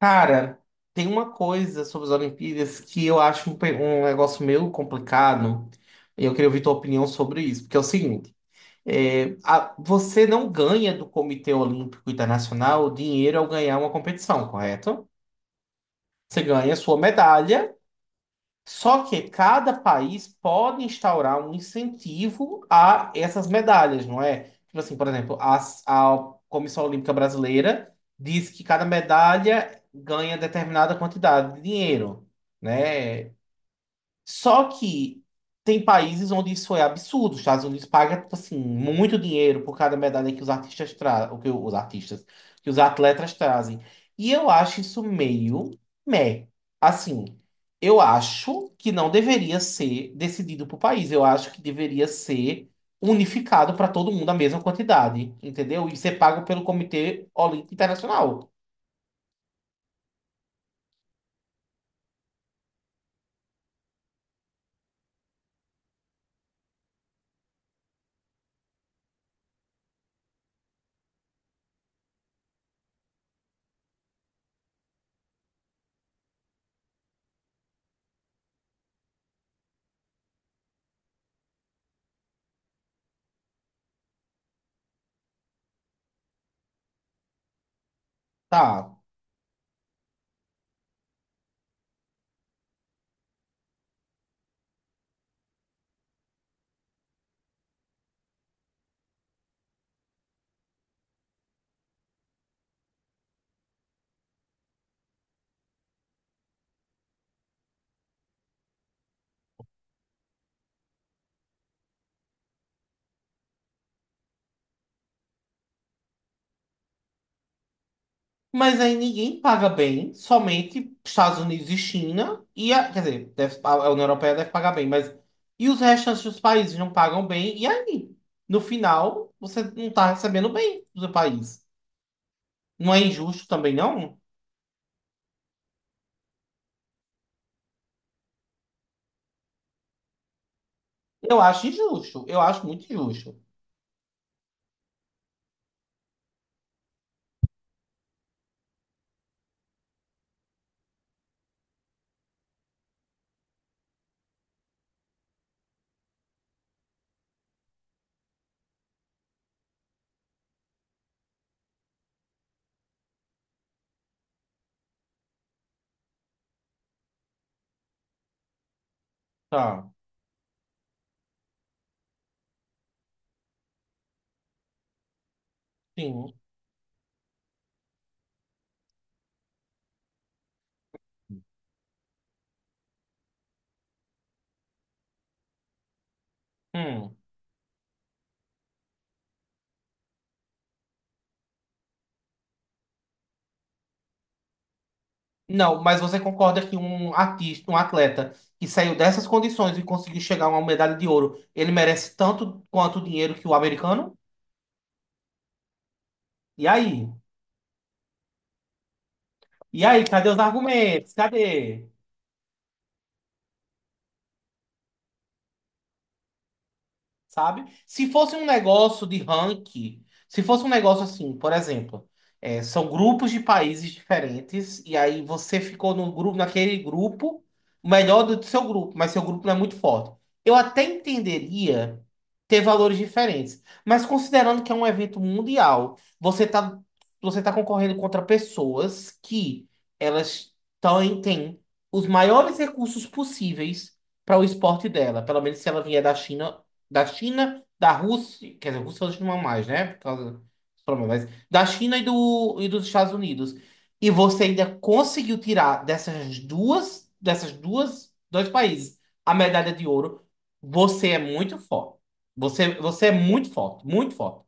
Cara, tem uma coisa sobre as Olimpíadas que eu acho um negócio meio complicado e eu queria ouvir tua opinião sobre isso, porque é o seguinte, você não ganha do Comitê Olímpico Internacional dinheiro ao ganhar uma competição, correto? Você ganha sua medalha, só que cada país pode instaurar um incentivo a essas medalhas, não é? Tipo assim, por exemplo, a Comissão Olímpica Brasileira diz que cada medalha ganha determinada quantidade de dinheiro, né? Só que tem países onde isso é absurdo. Os Estados Unidos paga, tipo assim, muito dinheiro por cada medalha que os artistas trazem, o que que os atletas trazem. E eu acho isso meio meh. Assim, eu acho que não deveria ser decidido por país. Eu acho que deveria ser unificado para todo mundo a mesma quantidade, entendeu? E ser pago pelo Comitê Olímpico Internacional. Tá. Mas aí ninguém paga bem, somente Estados Unidos e China, e quer dizer, a União Europeia deve pagar bem, mas e os restantes dos países não pagam bem, e aí? No final, você não está recebendo bem do seu país. Não é injusto também, não? Eu acho injusto, eu acho muito injusto. Tá, sim. Hum. Não, mas você concorda que um artista, um atleta que saiu dessas condições e conseguiu chegar a uma medalha de ouro, ele merece tanto quanto o dinheiro que o americano? E aí? E aí, cadê os argumentos? Cadê? Sabe? Se fosse um negócio de ranking, se fosse um negócio assim, por exemplo, é, são grupos de países diferentes, e aí você ficou no grupo, naquele grupo, o melhor do seu grupo, mas seu grupo não é muito forte. Eu até entenderia ter valores diferentes, mas considerando que é um evento mundial, você tá concorrendo contra pessoas que elas têm os maiores recursos possíveis para o esporte dela, pelo menos se ela vier da China, da Rússia, quer dizer, a Rússia hoje não é mais, né? Por causa dos problemas, mas da China e dos Estados Unidos. E você ainda conseguiu tirar dessas duas, dois países a medalha de ouro. Você é muito forte. Você é muito forte, muito forte.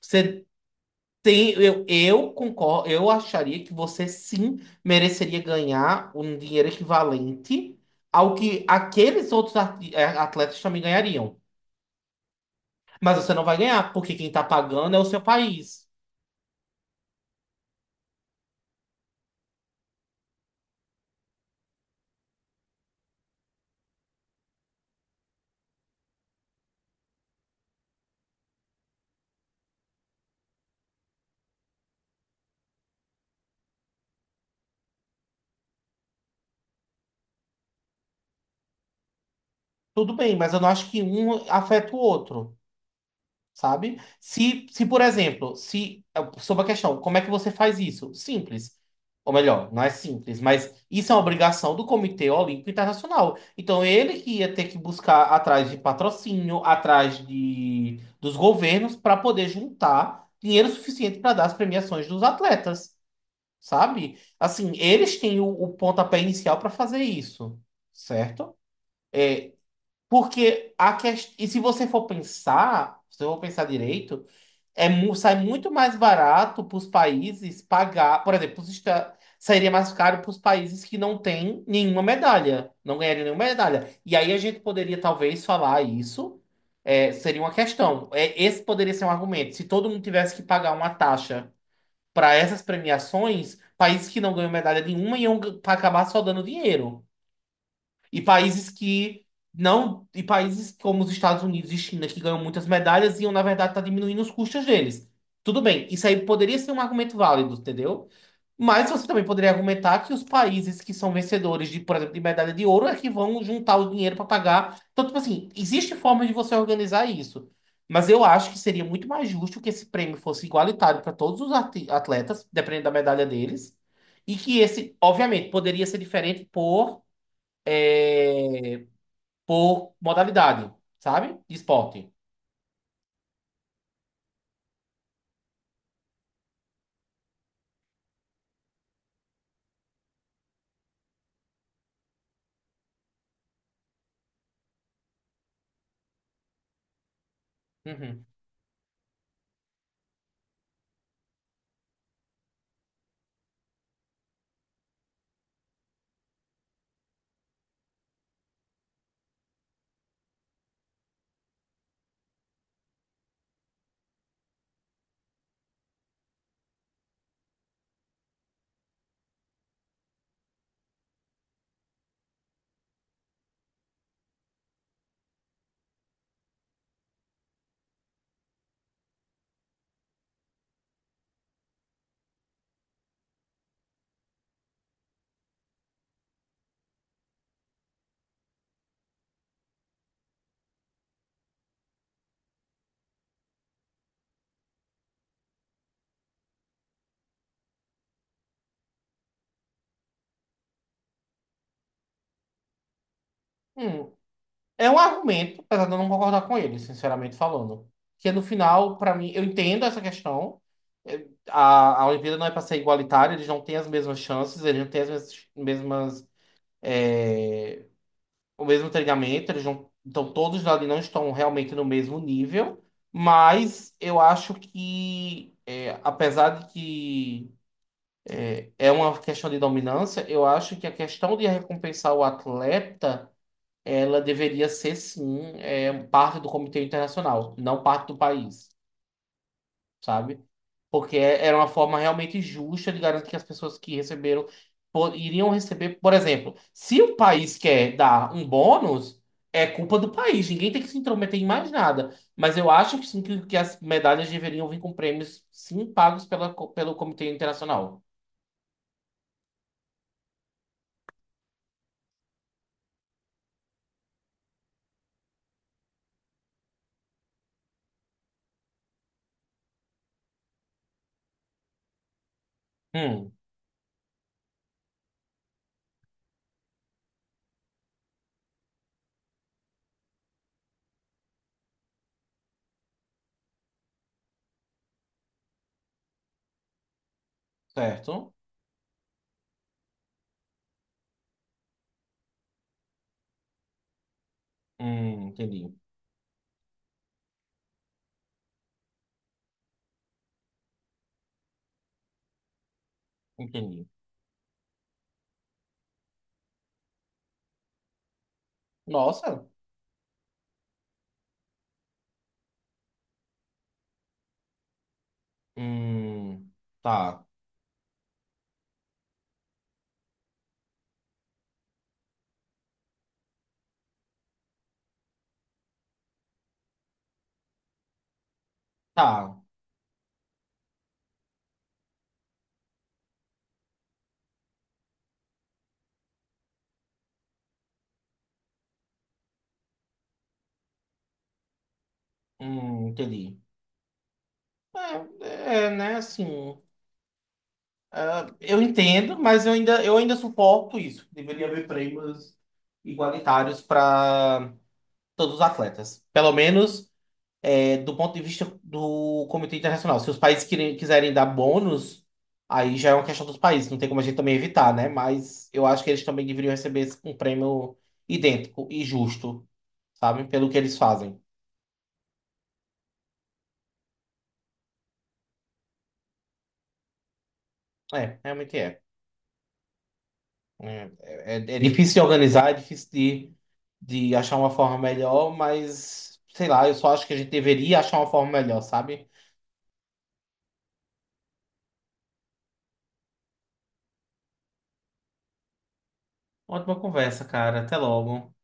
Você tem, eu concordo, eu acharia que você sim mereceria ganhar um dinheiro equivalente ao que aqueles atletas também ganhariam. Mas você não vai ganhar, porque quem tá pagando é o seu país. Tudo bem, mas eu não acho que um afeta o outro, sabe? Se por exemplo, se é, sobre a questão, como é que você faz isso? Simples. Ou melhor, não é simples, mas isso é uma obrigação do Comitê Olímpico Internacional. Então, ele que ia ter que buscar atrás de patrocínio, dos governos, para poder juntar dinheiro suficiente para dar as premiações dos atletas. Sabe? Assim, eles têm o pontapé inicial para fazer isso, certo? Porque a questão. E se você for pensar, se eu for pensar direito, sai muito mais barato para os países pagar. Por exemplo, sairia mais caro para os países que não têm nenhuma medalha, não ganhariam nenhuma medalha. E aí a gente poderia talvez falar isso. é, seria uma questão. É, esse poderia ser um argumento. Se todo mundo tivesse que pagar uma taxa para essas premiações, países que não ganham medalha nenhuma iam acabar só dando dinheiro. E países que não, e países como os Estados Unidos e China, que ganham muitas medalhas, iam, na verdade, estar diminuindo os custos deles. Tudo bem, isso aí poderia ser um argumento válido, entendeu? Mas você também poderia argumentar que os países que são vencedores de, por exemplo, de medalha de ouro é que vão juntar o dinheiro para pagar. Então, tipo assim, existe forma de você organizar isso. Mas eu acho que seria muito mais justo que esse prêmio fosse igualitário para todos os atletas, dependendo da medalha deles. E que esse, obviamente, poderia ser diferente por, é, por modalidade, sabe? De esporte. Uhum. Hum. É um argumento, apesar de eu não concordar com ele, sinceramente falando. Que é, no final, para mim, eu entendo essa questão. A Olimpíada não é para ser igualitária, eles não têm as mesmas chances, eles não têm mesmas, é, o mesmo treinamento, eles não, então todos ali não estão realmente no mesmo nível. Mas eu acho que, é, apesar de que é uma questão de dominância, eu acho que a questão de recompensar o atleta ela deveria ser sim, é, parte do Comitê Internacional, não parte do país, sabe? Porque é, era uma forma realmente justa de garantir que as pessoas que receberam iriam receber, por exemplo, se o país quer dar um bônus, é culpa do país, ninguém tem que se intrometer em mais nada. Mas eu acho que sim que as medalhas deveriam vir com prêmios sim pagos pelo Comitê Internacional. Hum, certo? Entendi, entendi. Nossa. Hum, tá. Tá. Entendi. É, é, né, assim, ah, eu entendo, mas eu ainda suporto isso. Deveria haver prêmios igualitários para todos os atletas. Pelo menos é, do ponto de vista do Comitê Internacional. Se os países quiserem dar bônus, aí já é uma questão dos países, não tem como a gente também evitar, né? Mas eu acho que eles também deveriam receber um prêmio idêntico e justo, sabe? Pelo que eles fazem. É, realmente é. É difícil de organizar, é difícil de achar uma forma melhor, mas sei lá, eu só acho que a gente deveria achar uma forma melhor, sabe? Ótima conversa, cara. Até logo.